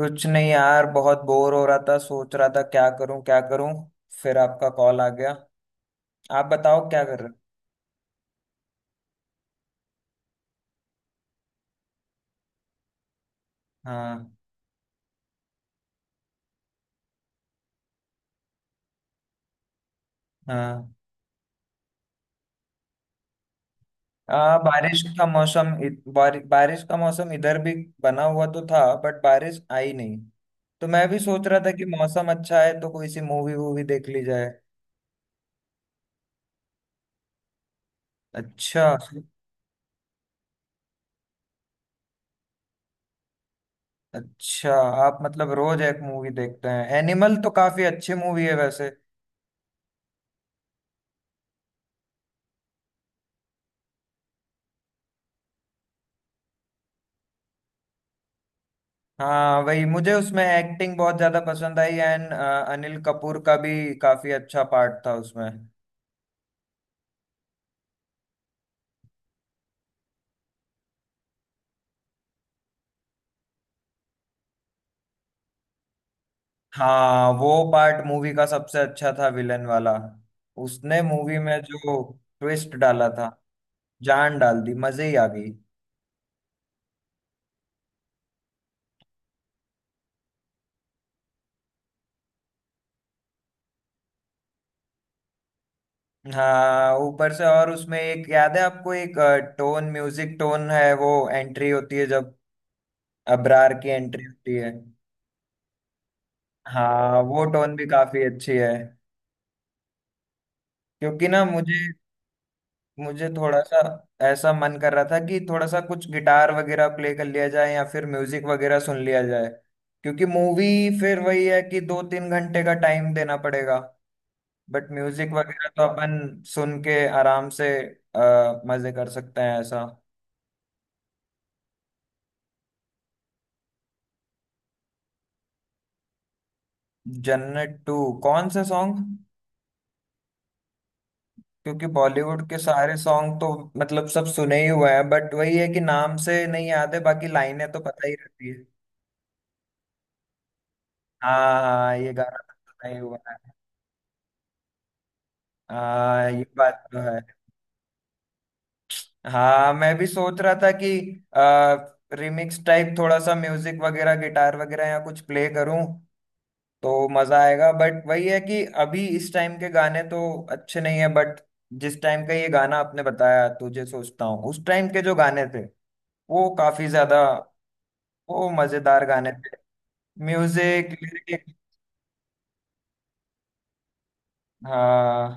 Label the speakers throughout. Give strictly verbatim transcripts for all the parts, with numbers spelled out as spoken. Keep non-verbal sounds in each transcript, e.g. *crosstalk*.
Speaker 1: कुछ नहीं यार, बहुत बोर हो रहा था। सोच रहा था क्या करूं क्या करूं। फिर आपका कॉल आ गया। आप बताओ क्या कर रहे हो। हाँ हाँ। आ, बारिश का मौसम इ- बारि, बारिश का मौसम इधर भी बना हुआ तो था, बट बारिश आई नहीं। तो मैं भी सोच रहा था कि मौसम अच्छा है तो कोई सी मूवी वूवी देख ली जाए। अच्छा अच्छा। आप मतलब रोज एक मूवी देखते हैं? एनिमल तो काफी अच्छी मूवी है वैसे। हाँ, वही मुझे उसमें एक्टिंग बहुत ज्यादा पसंद आई एंड अनिल कपूर का भी काफी अच्छा पार्ट था उसमें। हाँ, वो पार्ट मूवी का सबसे अच्छा था, विलन वाला। उसने मूवी में जो ट्विस्ट डाला था, जान डाल दी। मजे ही आ गई। हाँ, ऊपर से। और उसमें एक याद है आपको, एक टोन, म्यूजिक टोन है, वो एंट्री होती है जब अबरार की एंट्री होती है। हाँ, वो टोन भी काफी अच्छी है। क्योंकि ना मुझे मुझे थोड़ा सा ऐसा मन कर रहा था कि थोड़ा सा कुछ गिटार वगैरह प्ले कर लिया जाए या फिर म्यूजिक वगैरह सुन लिया जाए। क्योंकि मूवी फिर वही है कि दो तीन घंटे का टाइम देना पड़ेगा। बट म्यूजिक वगैरह तो अपन सुन के आराम से अ, मजे कर सकते हैं ऐसा। जन्नत टू? कौन सा सॉन्ग? क्योंकि बॉलीवुड के सारे सॉन्ग तो मतलब सब सुने ही हुए हैं, बट वही है कि नाम से नहीं याद है, बाकी लाइनें तो पता ही रहती है। हाँ हाँ हाँ, ये गाना तो सुना ही हुआ है। हाँ, ये बात तो है। हाँ, मैं भी सोच रहा था कि आ, रिमिक्स टाइप थोड़ा सा म्यूजिक वगैरह गिटार वगैरह या कुछ प्ले करूं तो मजा आएगा। बट वही है कि अभी इस टाइम के गाने तो अच्छे नहीं है। बट जिस टाइम का ये गाना आपने बताया, तुझे सोचता हूँ, उस टाइम के जो गाने थे वो काफी ज्यादा, वो मजेदार गाने थे, म्यूजिक लिरिक। हाँ,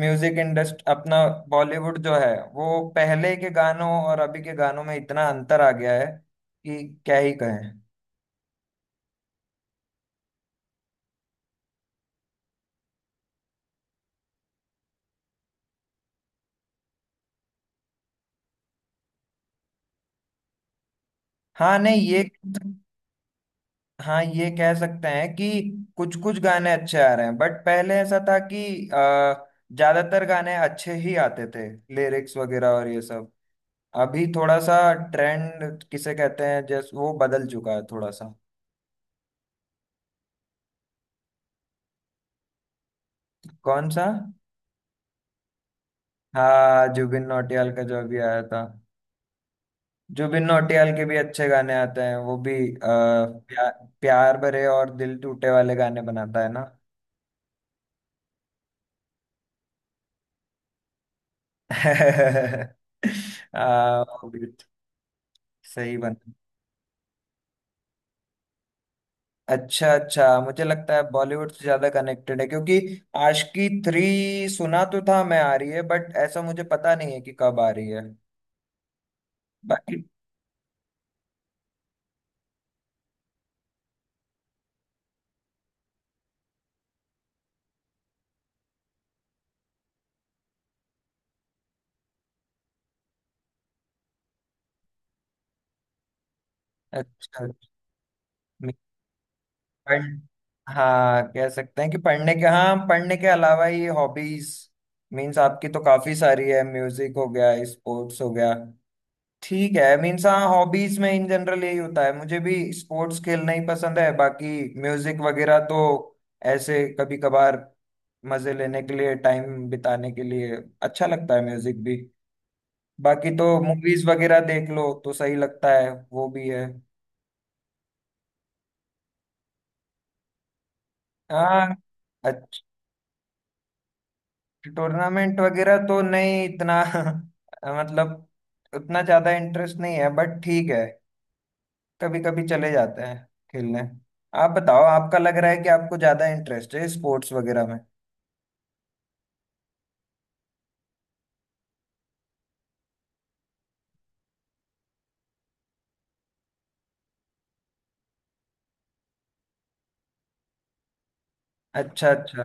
Speaker 1: म्यूजिक इंडस्ट अपना बॉलीवुड जो है, वो पहले के गानों और अभी के गानों में इतना अंतर आ गया है कि क्या ही कहें। हाँ नहीं ये। हाँ, ये कह सकते हैं कि कुछ कुछ गाने अच्छे आ रहे हैं, बट पहले ऐसा था कि अ, ज्यादातर गाने अच्छे ही आते थे, लिरिक्स वगैरह और ये सब। अभी थोड़ा सा ट्रेंड किसे कहते हैं जैस, वो बदल चुका है थोड़ा सा। कौन सा? हाँ, जुबिन नौटियाल का जो अभी आया था। जुबिन नौटियाल के भी अच्छे गाने आते हैं। वो भी आ, प्या, प्यार भरे और दिल टूटे वाले गाने बनाता है ना। *laughs* आ, वो भी सही बन। अच्छा अच्छा, मुझे लगता है बॉलीवुड से ज्यादा कनेक्टेड है, क्योंकि आशिकी थ्री सुना तो था मैं, आ रही है, बट ऐसा मुझे पता नहीं है कि कब आ रही है। बाकी, अच्छा, पढ़ हाँ, कह सकते हैं कि पढ़ने के हाँ, पढ़ने के अलावा ये हॉबीज मीन्स आपकी तो काफी सारी है, म्यूजिक हो गया, स्पोर्ट्स हो गया। ठीक है, मीन्स हाँ, हॉबीज में इन जनरल यही होता है। मुझे भी स्पोर्ट्स खेलना ही पसंद है, बाकी म्यूजिक वगैरह तो ऐसे कभी कभार मजे लेने के लिए, टाइम बिताने के लिए अच्छा लगता है म्यूजिक भी। बाकी तो मूवीज वगैरह देख लो तो सही लगता है, वो भी है। हाँ, टूर्नामेंट वगैरह तो नहीं इतना *laughs* मतलब उतना ज्यादा इंटरेस्ट नहीं है, बट ठीक है, कभी कभी चले जाते हैं खेलने। आप बताओ, आपका लग रहा है कि आपको ज्यादा इंटरेस्ट है स्पोर्ट्स वगैरह में। अच्छा अच्छा।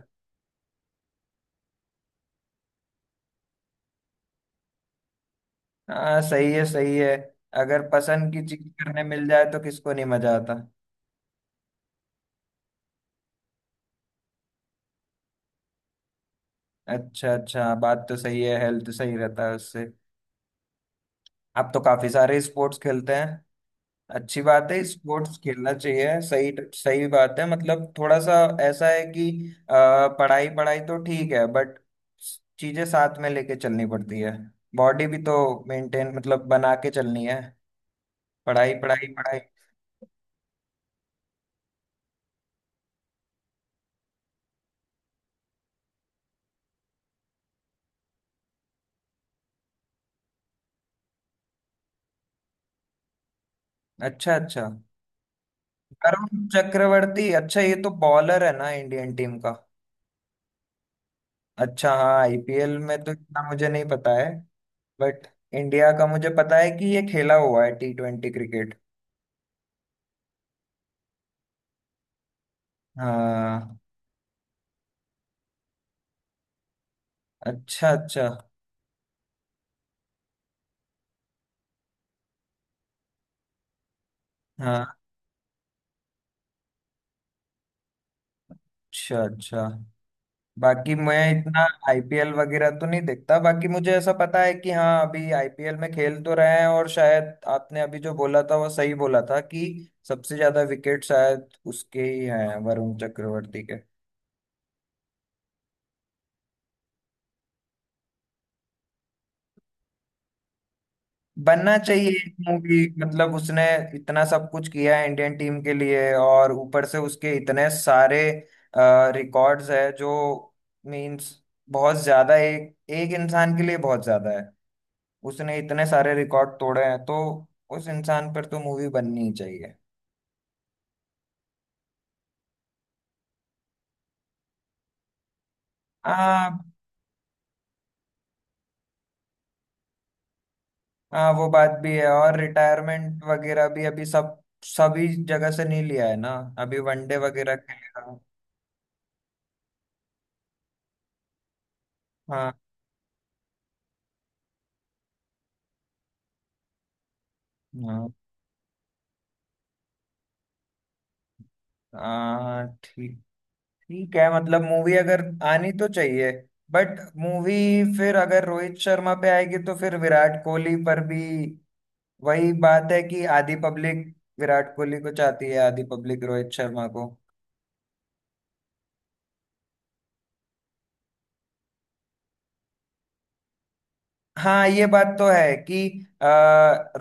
Speaker 1: हाँ, सही है सही है। अगर पसंद की चीज करने मिल जाए तो किसको नहीं मजा आता। अच्छा अच्छा, बात तो सही है, हेल्थ सही रहता है उससे। आप तो काफी सारे स्पोर्ट्स खेलते हैं, अच्छी बात है, स्पोर्ट्स खेलना चाहिए, सही सही बात है। मतलब थोड़ा सा ऐसा है कि अ, पढ़ाई पढ़ाई तो ठीक है, बट चीजें साथ में लेके चलनी पड़ती है। बॉडी भी तो मेंटेन मतलब बना के चलनी है। पढ़ाई पढ़ाई पढ़ाई। अच्छा अच्छा। वरुण चक्रवर्ती? अच्छा, ये तो बॉलर है ना इंडियन टीम का। अच्छा, हाँ, आईपीएल में तो इतना मुझे नहीं पता है। बट इंडिया का मुझे पता है कि ये खेला हुआ है टी ट्वेंटी क्रिकेट। हाँ। अच्छा अच्छा। हाँ, अच्छा अच्छा। बाकी मैं इतना आईपीएल वगैरह तो नहीं देखता, बाकी मुझे ऐसा पता है कि हाँ, अभी आईपीएल में खेल तो रहे हैं, और शायद आपने अभी जो बोला था वो सही बोला था कि सबसे ज्यादा विकेट शायद उसके ही हैं, वरुण चक्रवर्ती के। बनना चाहिए एक मूवी। मतलब उसने इतना सब कुछ किया है इंडियन टीम के लिए, और ऊपर से उसके इतने सारे रिकॉर्ड्स है जो मीन्स बहुत ज्यादा। एक एक इंसान के लिए बहुत ज्यादा, उसने इतने सारे रिकॉर्ड तोड़े हैं। तो उस इंसान पर तो मूवी बननी ही चाहिए। हाँ। हाँ, वो बात भी है, और रिटायरमेंट वगैरह भी अभी सब सभी जगह से नहीं लिया है ना, अभी वनडे वगैरह के लिए। हाँ। हाँ हाँ हाँ, ठीक। ठीक है, मतलब मूवी अगर आनी तो चाहिए, बट मूवी फिर अगर रोहित शर्मा पे आएगी तो फिर विराट कोहली पर भी। वही बात है कि आधी पब्लिक विराट कोहली को चाहती है, आधी पब्लिक रोहित शर्मा को। हाँ, ये बात तो है कि अ,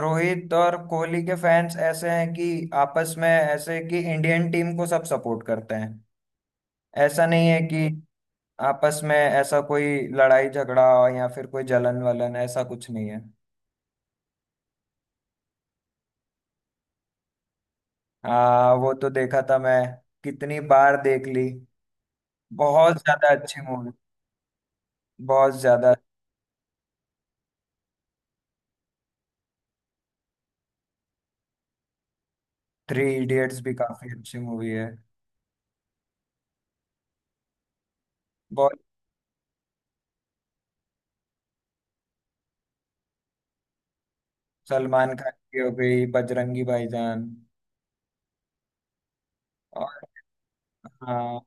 Speaker 1: रोहित और कोहली के फैंस ऐसे हैं कि आपस में ऐसे कि इंडियन टीम को सब सपोर्ट करते हैं। ऐसा नहीं है कि आपस में ऐसा कोई लड़ाई झगड़ा या फिर कोई जलन वलन, ऐसा कुछ नहीं है। आ, वो तो देखा था मैं, कितनी बार देख ली, बहुत ज्यादा अच्छी मूवी। बहुत ज्यादा। थ्री इडियट्स भी काफी अच्छी मूवी है, बहुत। सलमान खान की हो गई बजरंगी भाईजान। और हाँ,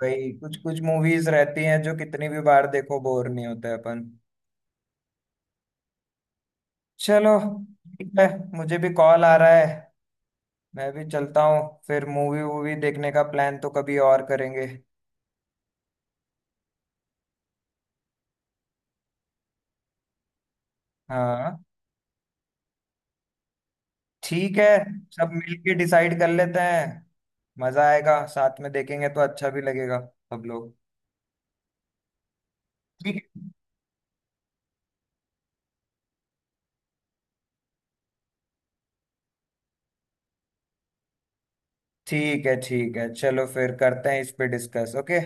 Speaker 1: कई कुछ कुछ मूवीज रहती हैं जो कितनी भी बार देखो बोर नहीं होते अपन। चलो, ठीक है, मुझे भी कॉल आ रहा है, मैं भी चलता हूँ। फिर मूवी वूवी देखने का प्लान तो कभी और करेंगे। हाँ। ठीक है, सब मिलके डिसाइड कर लेते हैं। मजा आएगा, साथ में देखेंगे तो अच्छा भी लगेगा सब लोग। ठीक है ठीक है ठीक है, चलो फिर करते हैं इस पे डिस्कस। ओके।